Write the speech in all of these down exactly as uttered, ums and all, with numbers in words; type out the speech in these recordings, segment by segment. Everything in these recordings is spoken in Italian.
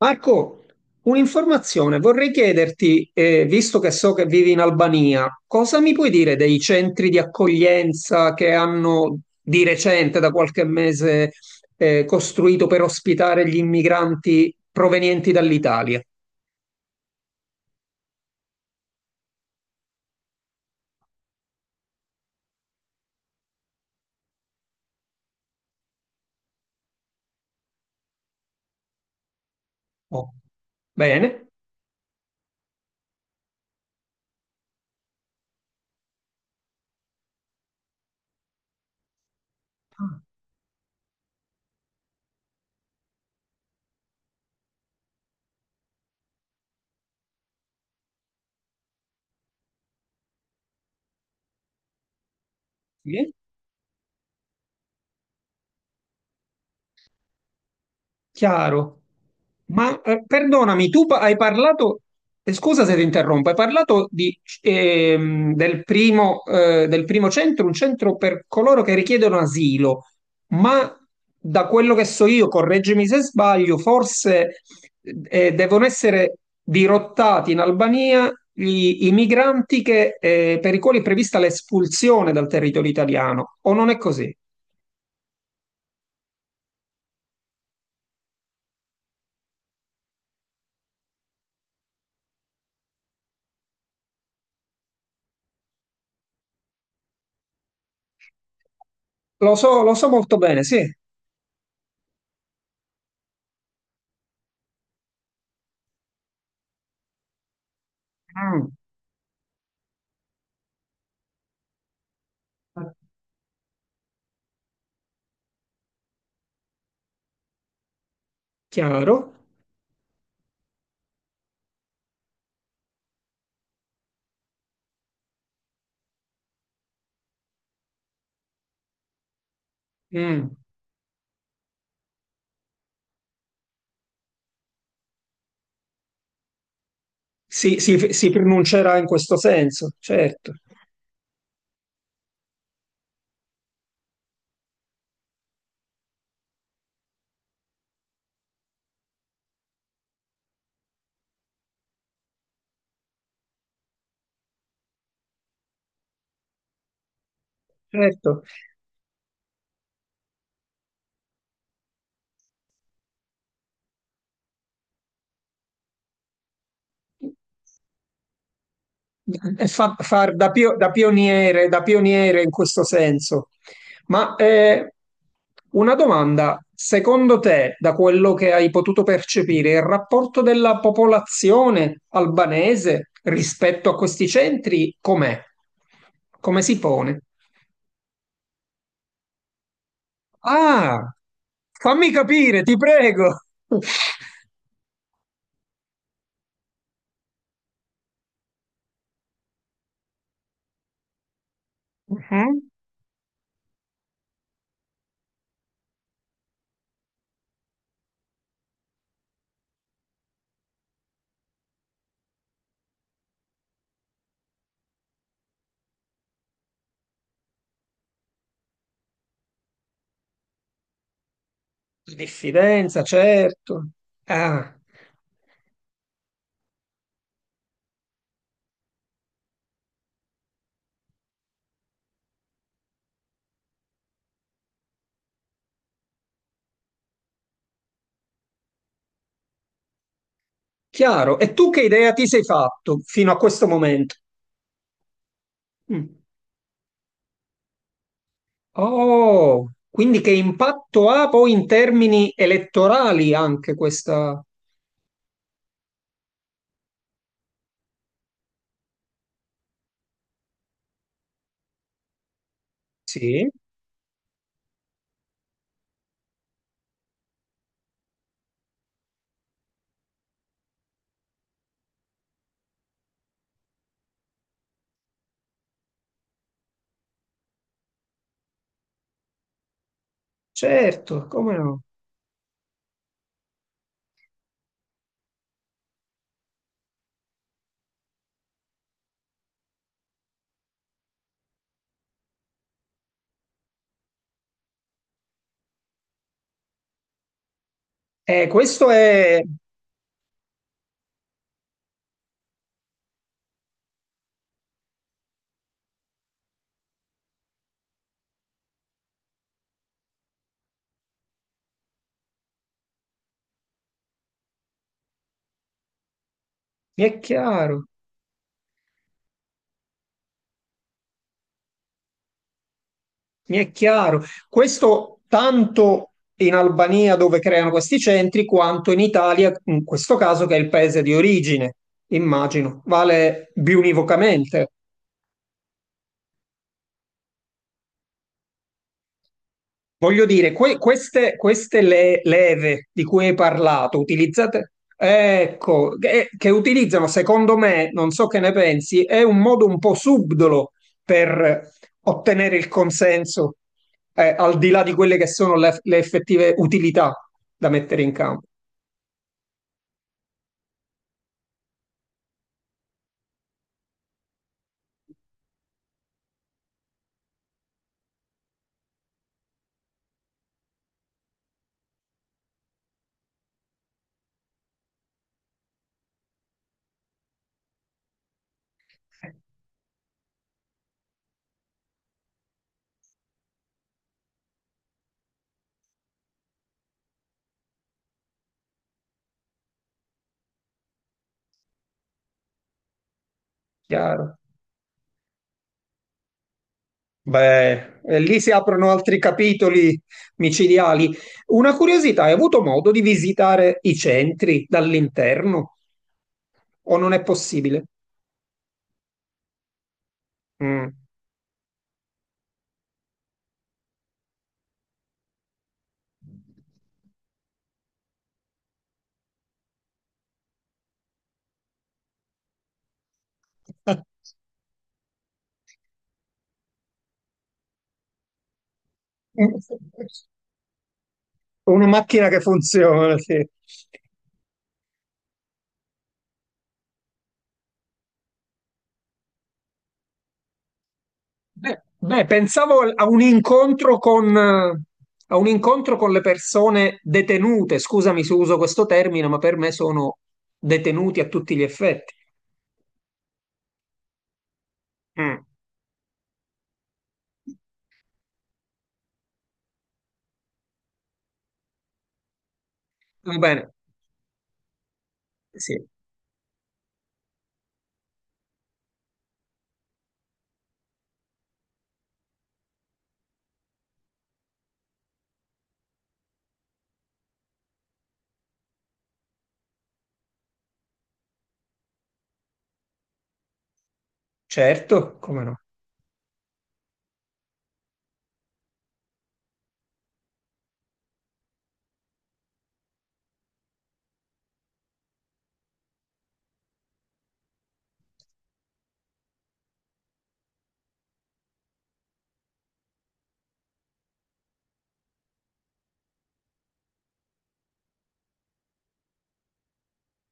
Marco, un'informazione, vorrei chiederti, eh, visto che so che vivi in Albania, cosa mi puoi dire dei centri di accoglienza che hanno di recente, da qualche mese, eh, costruito per ospitare gli immigranti provenienti dall'Italia? Oh, bene. Ah, sì. Chiaro. Ma eh, perdonami, tu pa- hai parlato, eh, scusa se ti interrompo, hai parlato di, ehm, del primo, eh, del primo centro, un centro per coloro che richiedono asilo, ma da quello che so io, correggimi se sbaglio, forse eh, devono essere dirottati in Albania gli- i migranti che, eh, per i quali è prevista l'espulsione dal territorio italiano, o non è così? Lo so, lo so molto bene, sì. Mm. Chiaro? Mm. Si, si- si pronuncerà in questo senso, certo, certo. E fa- far da, pio- da pioniere, da pioniere in questo senso. Ma eh, una domanda, secondo te, da quello che hai potuto percepire, il rapporto della popolazione albanese rispetto a questi centri com'è? Come si pone? Ah, fammi capire, ti prego. Mhm. Diffidenza, certo. Ah, chiaro. E tu che idea ti sei fatto fino a questo momento? Mm. Oh, quindi che impatto ha poi in termini elettorali anche questa... Sì, certo, come no? Eh, questo è... mi è chiaro. Mi è chiaro. Questo tanto in Albania dove creano questi centri, quanto in Italia, in questo caso che è il paese di origine, immagino, vale biunivocamente. Voglio dire, que- queste, queste le- leve di cui hai parlato, utilizzate, ecco, che, che utilizzano, secondo me, non so che ne pensi, è un modo un po' subdolo per ottenere il consenso, eh, al di là di quelle che sono le, le effettive utilità da mettere in campo. Chiaro. Beh, e lì si aprono altri capitoli micidiali. Una curiosità, hai avuto modo di visitare i centri dall'interno o non è possibile? Mm. Una macchina che funziona, sì. Beh, beh, pensavo a un incontro con, eh, a un incontro con le persone detenute. Scusami se uso questo termine, ma per me sono detenuti a tutti gli effetti. Mm. Va bene. Sì, certo, come no?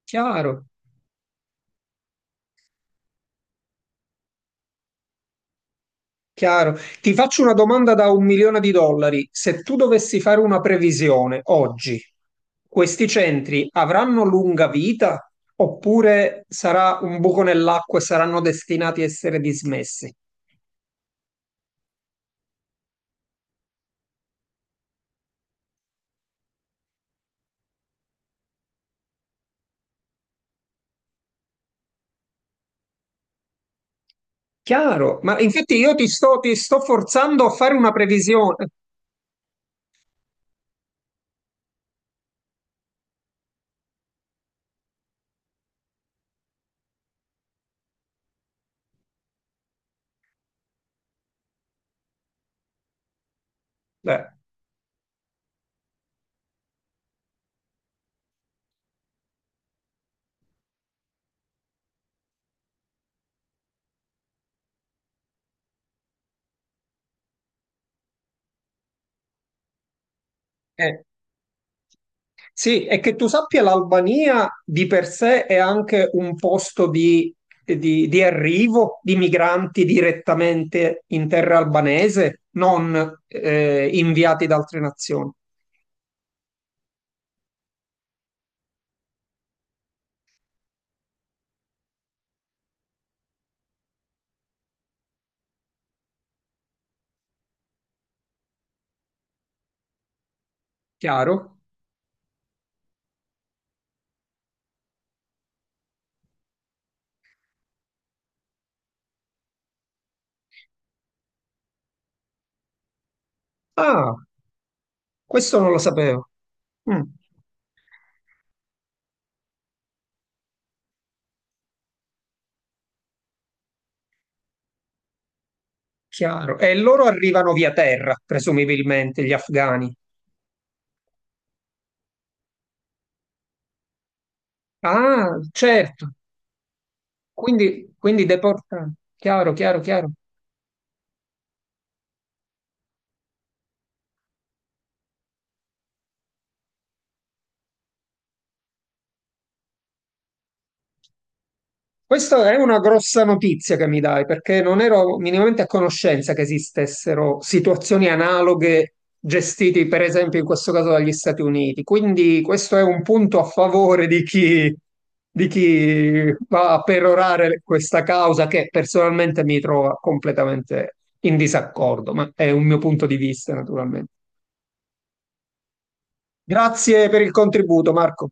Chiaro, chiaro. Ti faccio una domanda da un milione di dollari. Se tu dovessi fare una previsione oggi, questi centri avranno lunga vita oppure sarà un buco nell'acqua e saranno destinati a essere dismessi? Chiaro, ma infatti io ti sto, ti sto forzando a fare una previsione. Beh, eh, sì, e che tu sappia, l'Albania di per sé è anche un posto di, di- di arrivo di migranti direttamente in terra albanese, non eh, inviati da altre nazioni. Chiaro? Ah, questo non lo sapevo. Mm, chiaro. E loro arrivano via terra, presumibilmente, gli afghani. Ah, certo. Quindi, quindi deportati. Chiaro, chiaro, chiaro. Questa è una grossa notizia che mi dai, perché non ero minimamente a conoscenza che esistessero situazioni analoghe gestite, per esempio, in questo caso dagli Stati Uniti. Quindi questo è un punto a favore di chi, di chi va a perorare questa causa che personalmente mi trova completamente in disaccordo, ma è un mio punto di vista, naturalmente. Grazie per il contributo, Marco.